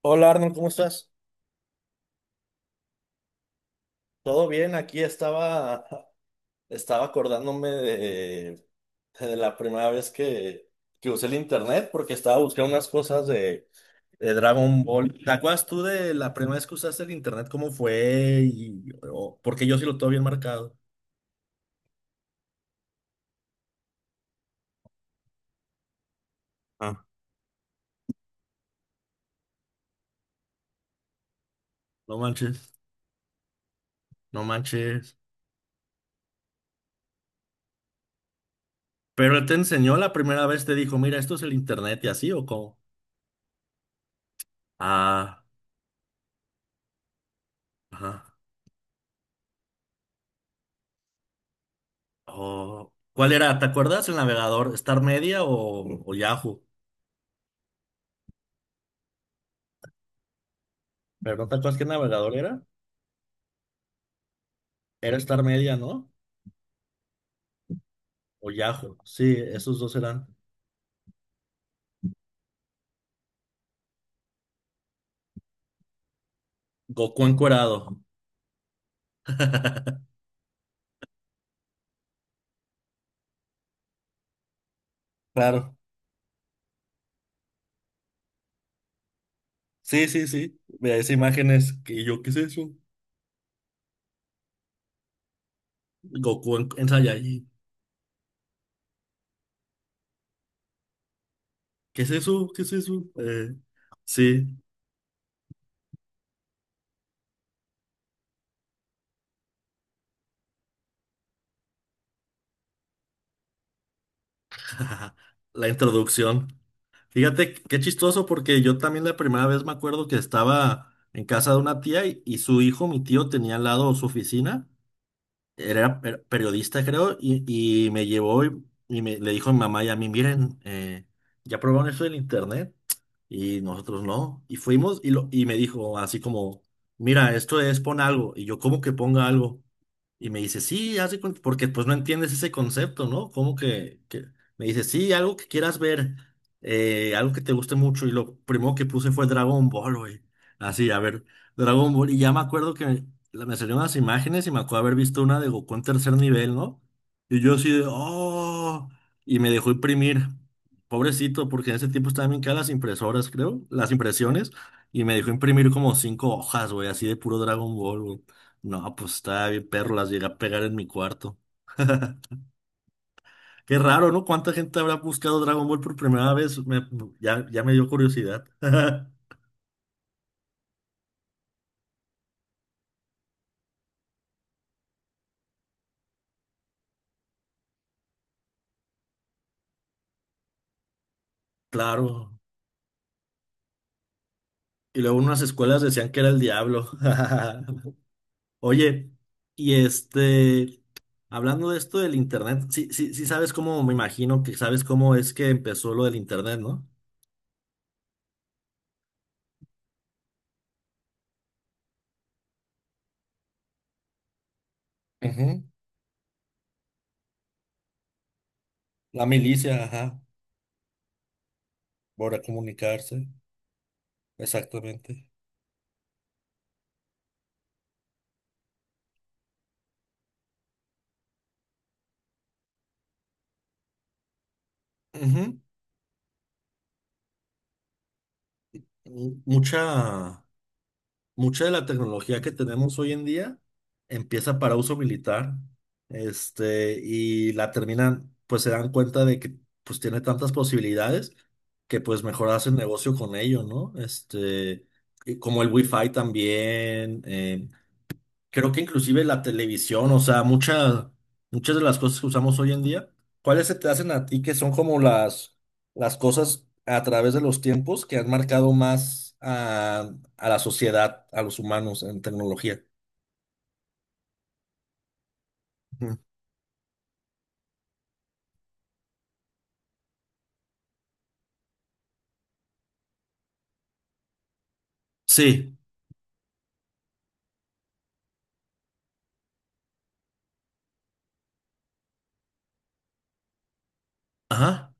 Hola Arnold, ¿cómo estás? ¿Todo bien? Aquí estaba acordándome de la primera vez que usé el internet porque estaba buscando unas cosas de Dragon Ball. ¿Te acuerdas tú de la primera vez que usaste el internet? ¿Cómo fue? Porque yo sí lo tengo bien marcado. Ah. No manches, no manches. Pero él te enseñó la primera vez, te dijo, mira, esto es el internet y así, ¿o cómo? Ah, ajá. Oh, ¿cuál era? ¿Te acuerdas el navegador? ¿Star Media o Yahoo? ¿Pero no te acuerdas qué navegador era? Era Star Media, ¿no? O Yahoo. Sí, esos dos eran. Goku encuerado. Claro. Sí, sí, sí. Mira, esas imágenes que yo, ¿qué es eso? Goku en Saiyajin. ¿Qué es eso? ¿Qué es eso? Sí. La introducción. Fíjate qué chistoso porque yo también la primera vez me acuerdo que estaba en casa de una tía y su hijo, mi tío, tenía al lado su oficina. Era periodista, creo, y me llevó y le dijo a mi mamá y a mí, miren, ya probaron eso del internet y nosotros no. Y fuimos y me dijo así como, mira, esto es pon algo. Y yo, ¿cómo que ponga algo? Y me dice, sí, haz de cuenta, porque pues no entiendes ese concepto, ¿no? ¿Cómo que? Me dice, sí, algo que quieras ver, algo que te guste mucho. Y lo primero que puse fue Dragon Ball, güey. Así, a ver. Dragon Ball. Y ya me acuerdo que me salieron las imágenes y me acuerdo haber visto una de Goku en tercer nivel, ¿no? Y yo así de, ¡oh! Y me dejó imprimir. Pobrecito, porque en ese tiempo estaban bien caras las impresoras, creo, las impresiones. Y me dejó imprimir como cinco hojas, güey, así de puro Dragon Ball, güey. No, pues estaba bien perro, las llegué a pegar en mi cuarto. Qué raro, ¿no? ¿Cuánta gente habrá buscado Dragon Ball por primera vez? Ya me dio curiosidad. Claro. Y luego unas escuelas decían que era el diablo. Oye, y hablando de esto del internet, sí, sí, sí sabes cómo, me imagino que sabes cómo es que empezó lo del internet, ¿no? Ujú. La milicia, ajá, para comunicarse, exactamente. Ujú. Mu- Mucha. Mucha de la tecnología que tenemos hoy en día empieza para uso militar, y la terminan, pues se dan cuenta de que pues tiene tantas posibilidades que pues mejor hacen negocio con ello, ¿no? Y como el Wi-Fi también, creo que inclusive la televisión, o sea, muchas de las cosas que usamos hoy en día, ¿cuáles se te hacen a ti que son como las cosas a través de los tiempos que han marcado más a la sociedad, a los humanos en tecnología? Ujú. Sí, ajá.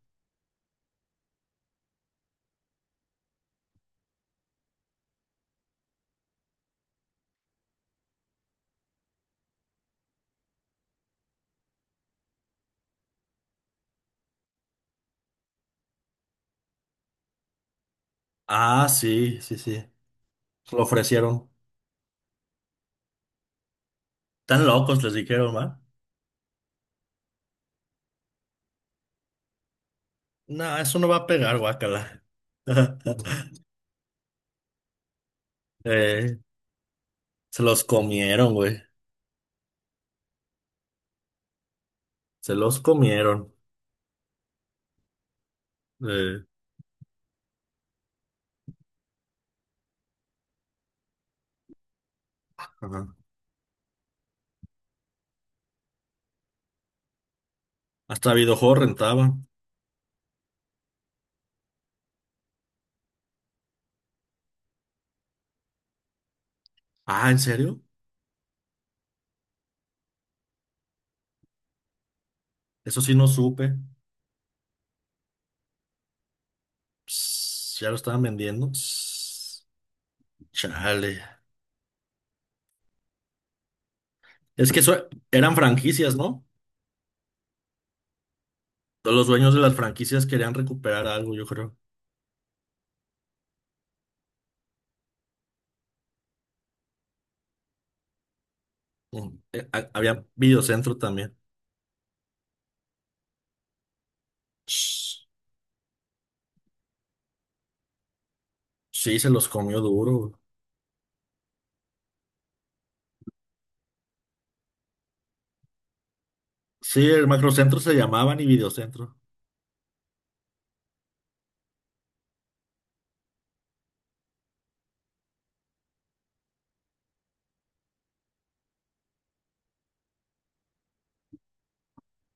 Ah, sí, sí, sí. Lo ofrecieron. Tan locos les dijeron, ¿va? No, eso no va a pegar, guácala. Eh, Se los comieron, güey. Se los comieron. Eh, ajá. Hasta videojuegos rentaba. Ah, ¿en serio? Eso sí no supe. Ps, ya lo estaban vendiendo. Ps, chale. Es que eso eran franquicias, ¿no? Los dueños de las franquicias querían recuperar algo, yo creo. Había videocentro también. Ps, sí, se los comió duro. Sí, el macrocentro se llamaban y videocentro.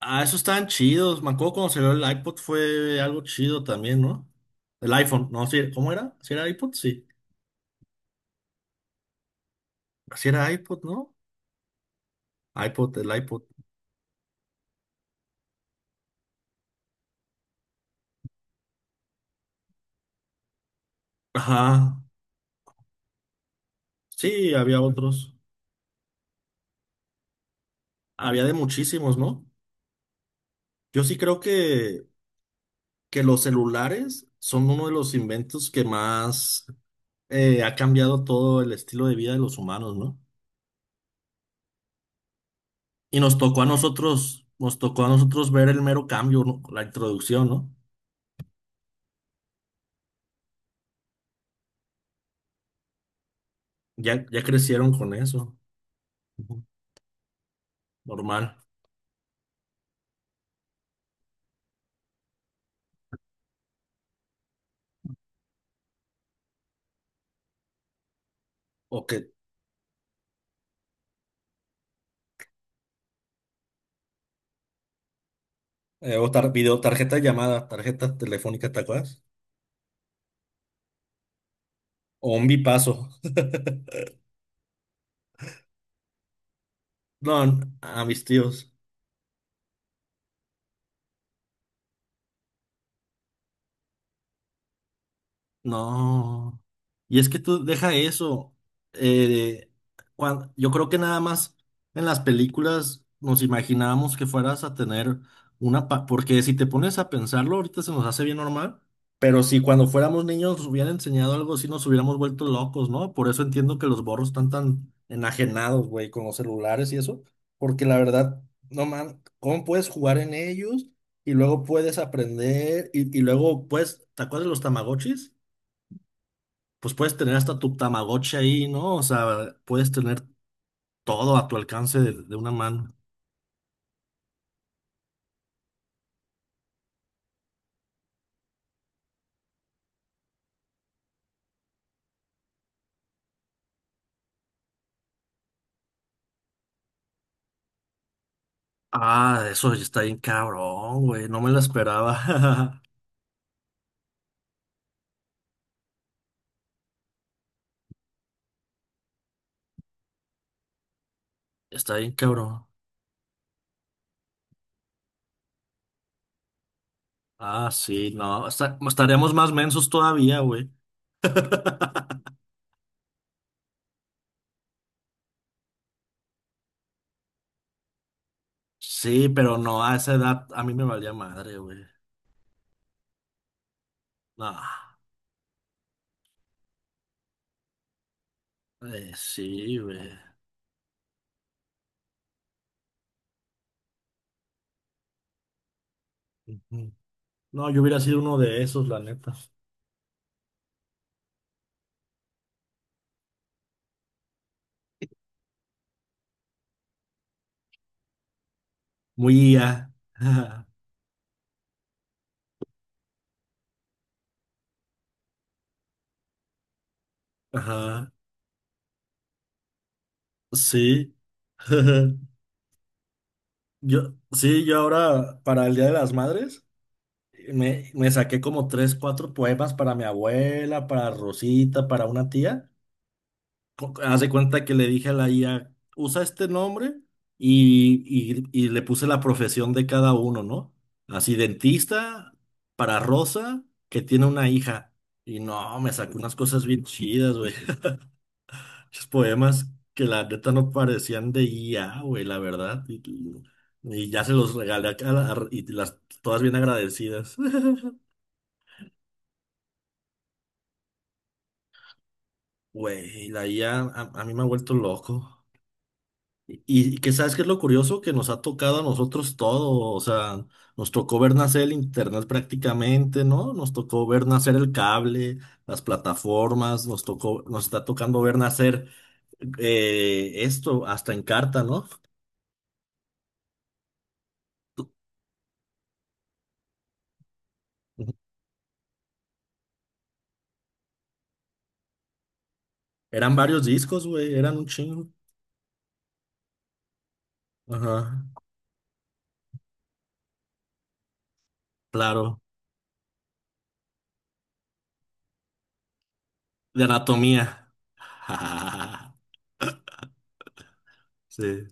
Ah, esos estaban chidos. Me acuerdo cuando salió el iPod fue algo chido también, ¿no? El iPhone, no, sí, ¿cómo era? ¿Sí era iPod? Sí. Sí era iPod, ¿no? iPod, el iPod. Ajá. Sí, había otros. Había de muchísimos, ¿no? Yo sí creo que los celulares son uno de los inventos que más ha cambiado todo el estilo de vida de los humanos, ¿no? Y nos tocó a nosotros, nos tocó a nosotros ver el mero cambio, ¿no? La introducción, ¿no? Ya, ya crecieron con eso. Ujú. Normal. O que, o tar- video, tarjeta de llamada, tarjeta telefónica, ¿te acuerdas? O un bipaso. No, a mis tíos. No. Y es que tú deja eso. eh, yo creo que nada más en las películas nos imaginábamos que fueras a tener porque si te pones a pensarlo, ahorita se nos hace bien normal. Pero si cuando fuéramos niños nos hubieran enseñado algo así, nos hubiéramos vuelto locos, ¿no? Por eso entiendo que los borros están tan enajenados, güey, con los celulares y eso. Porque la verdad, no man, ¿cómo puedes jugar en ellos? Y luego puedes aprender y luego, pues, ¿te acuerdas de los Tamagotchis? Pues puedes tener hasta tu Tamagotchi ahí, ¿no? O sea, puedes tener todo a tu alcance de una mano. Ah, eso ya está bien cabrón, güey. No me lo esperaba. Está bien cabrón. Ah, sí, no. Estaríamos más mensos todavía, güey. Sí, pero no, a esa edad a mí me valía madre, güey. No, sí, güey. Ujú. No, yo hubiera sido uno de esos, la neta. Muy IA. Ajá, sí. Sí, yo ahora para el Día de las Madres me saqué como tres, cuatro poemas para mi abuela, para Rosita, para una tía. Haz de cuenta que le dije a la IA, usa este nombre y le puse la profesión de cada uno, ¿no? Así, dentista para Rosa, que tiene una hija. Y no, me sacó unas cosas bien chidas, güey. Muchos poemas que la neta no parecían de guía, güey, la verdad. Y ya se los regalé y las todas bien agradecidas. Güey, la IA a mí me ha vuelto loco. Y, y que sabes qué es lo curioso que nos ha tocado a nosotros todo. O sea, nos tocó ver nacer el internet prácticamente, ¿no? Nos tocó ver nacer el cable, las plataformas, nos tocó, nos está tocando ver nacer esto hasta en carta, ¿no? Eran varios discos, güey, eran un chingo. Ajá, claro. De anatomía. Sí.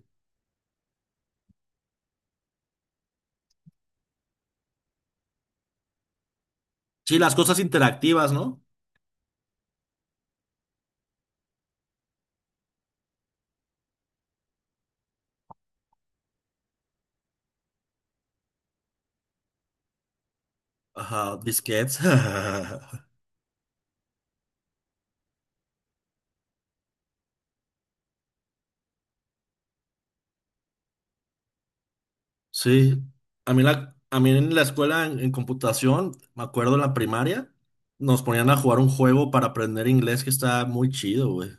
Sí, las cosas interactivas, ¿no? Ajá, disquetes. Sí. A mí en la escuela en computación, me acuerdo en la primaria, nos ponían a jugar un juego para aprender inglés que está muy chido, güey.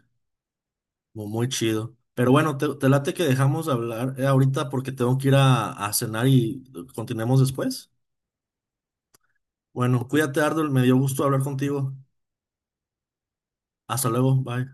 Muy, muy chido. Pero bueno, te late que dejamos de hablar ahorita porque tengo que ir a cenar y continuemos después. Bueno, cuídate, Ardol, me dio gusto hablar contigo. Hasta luego, bye.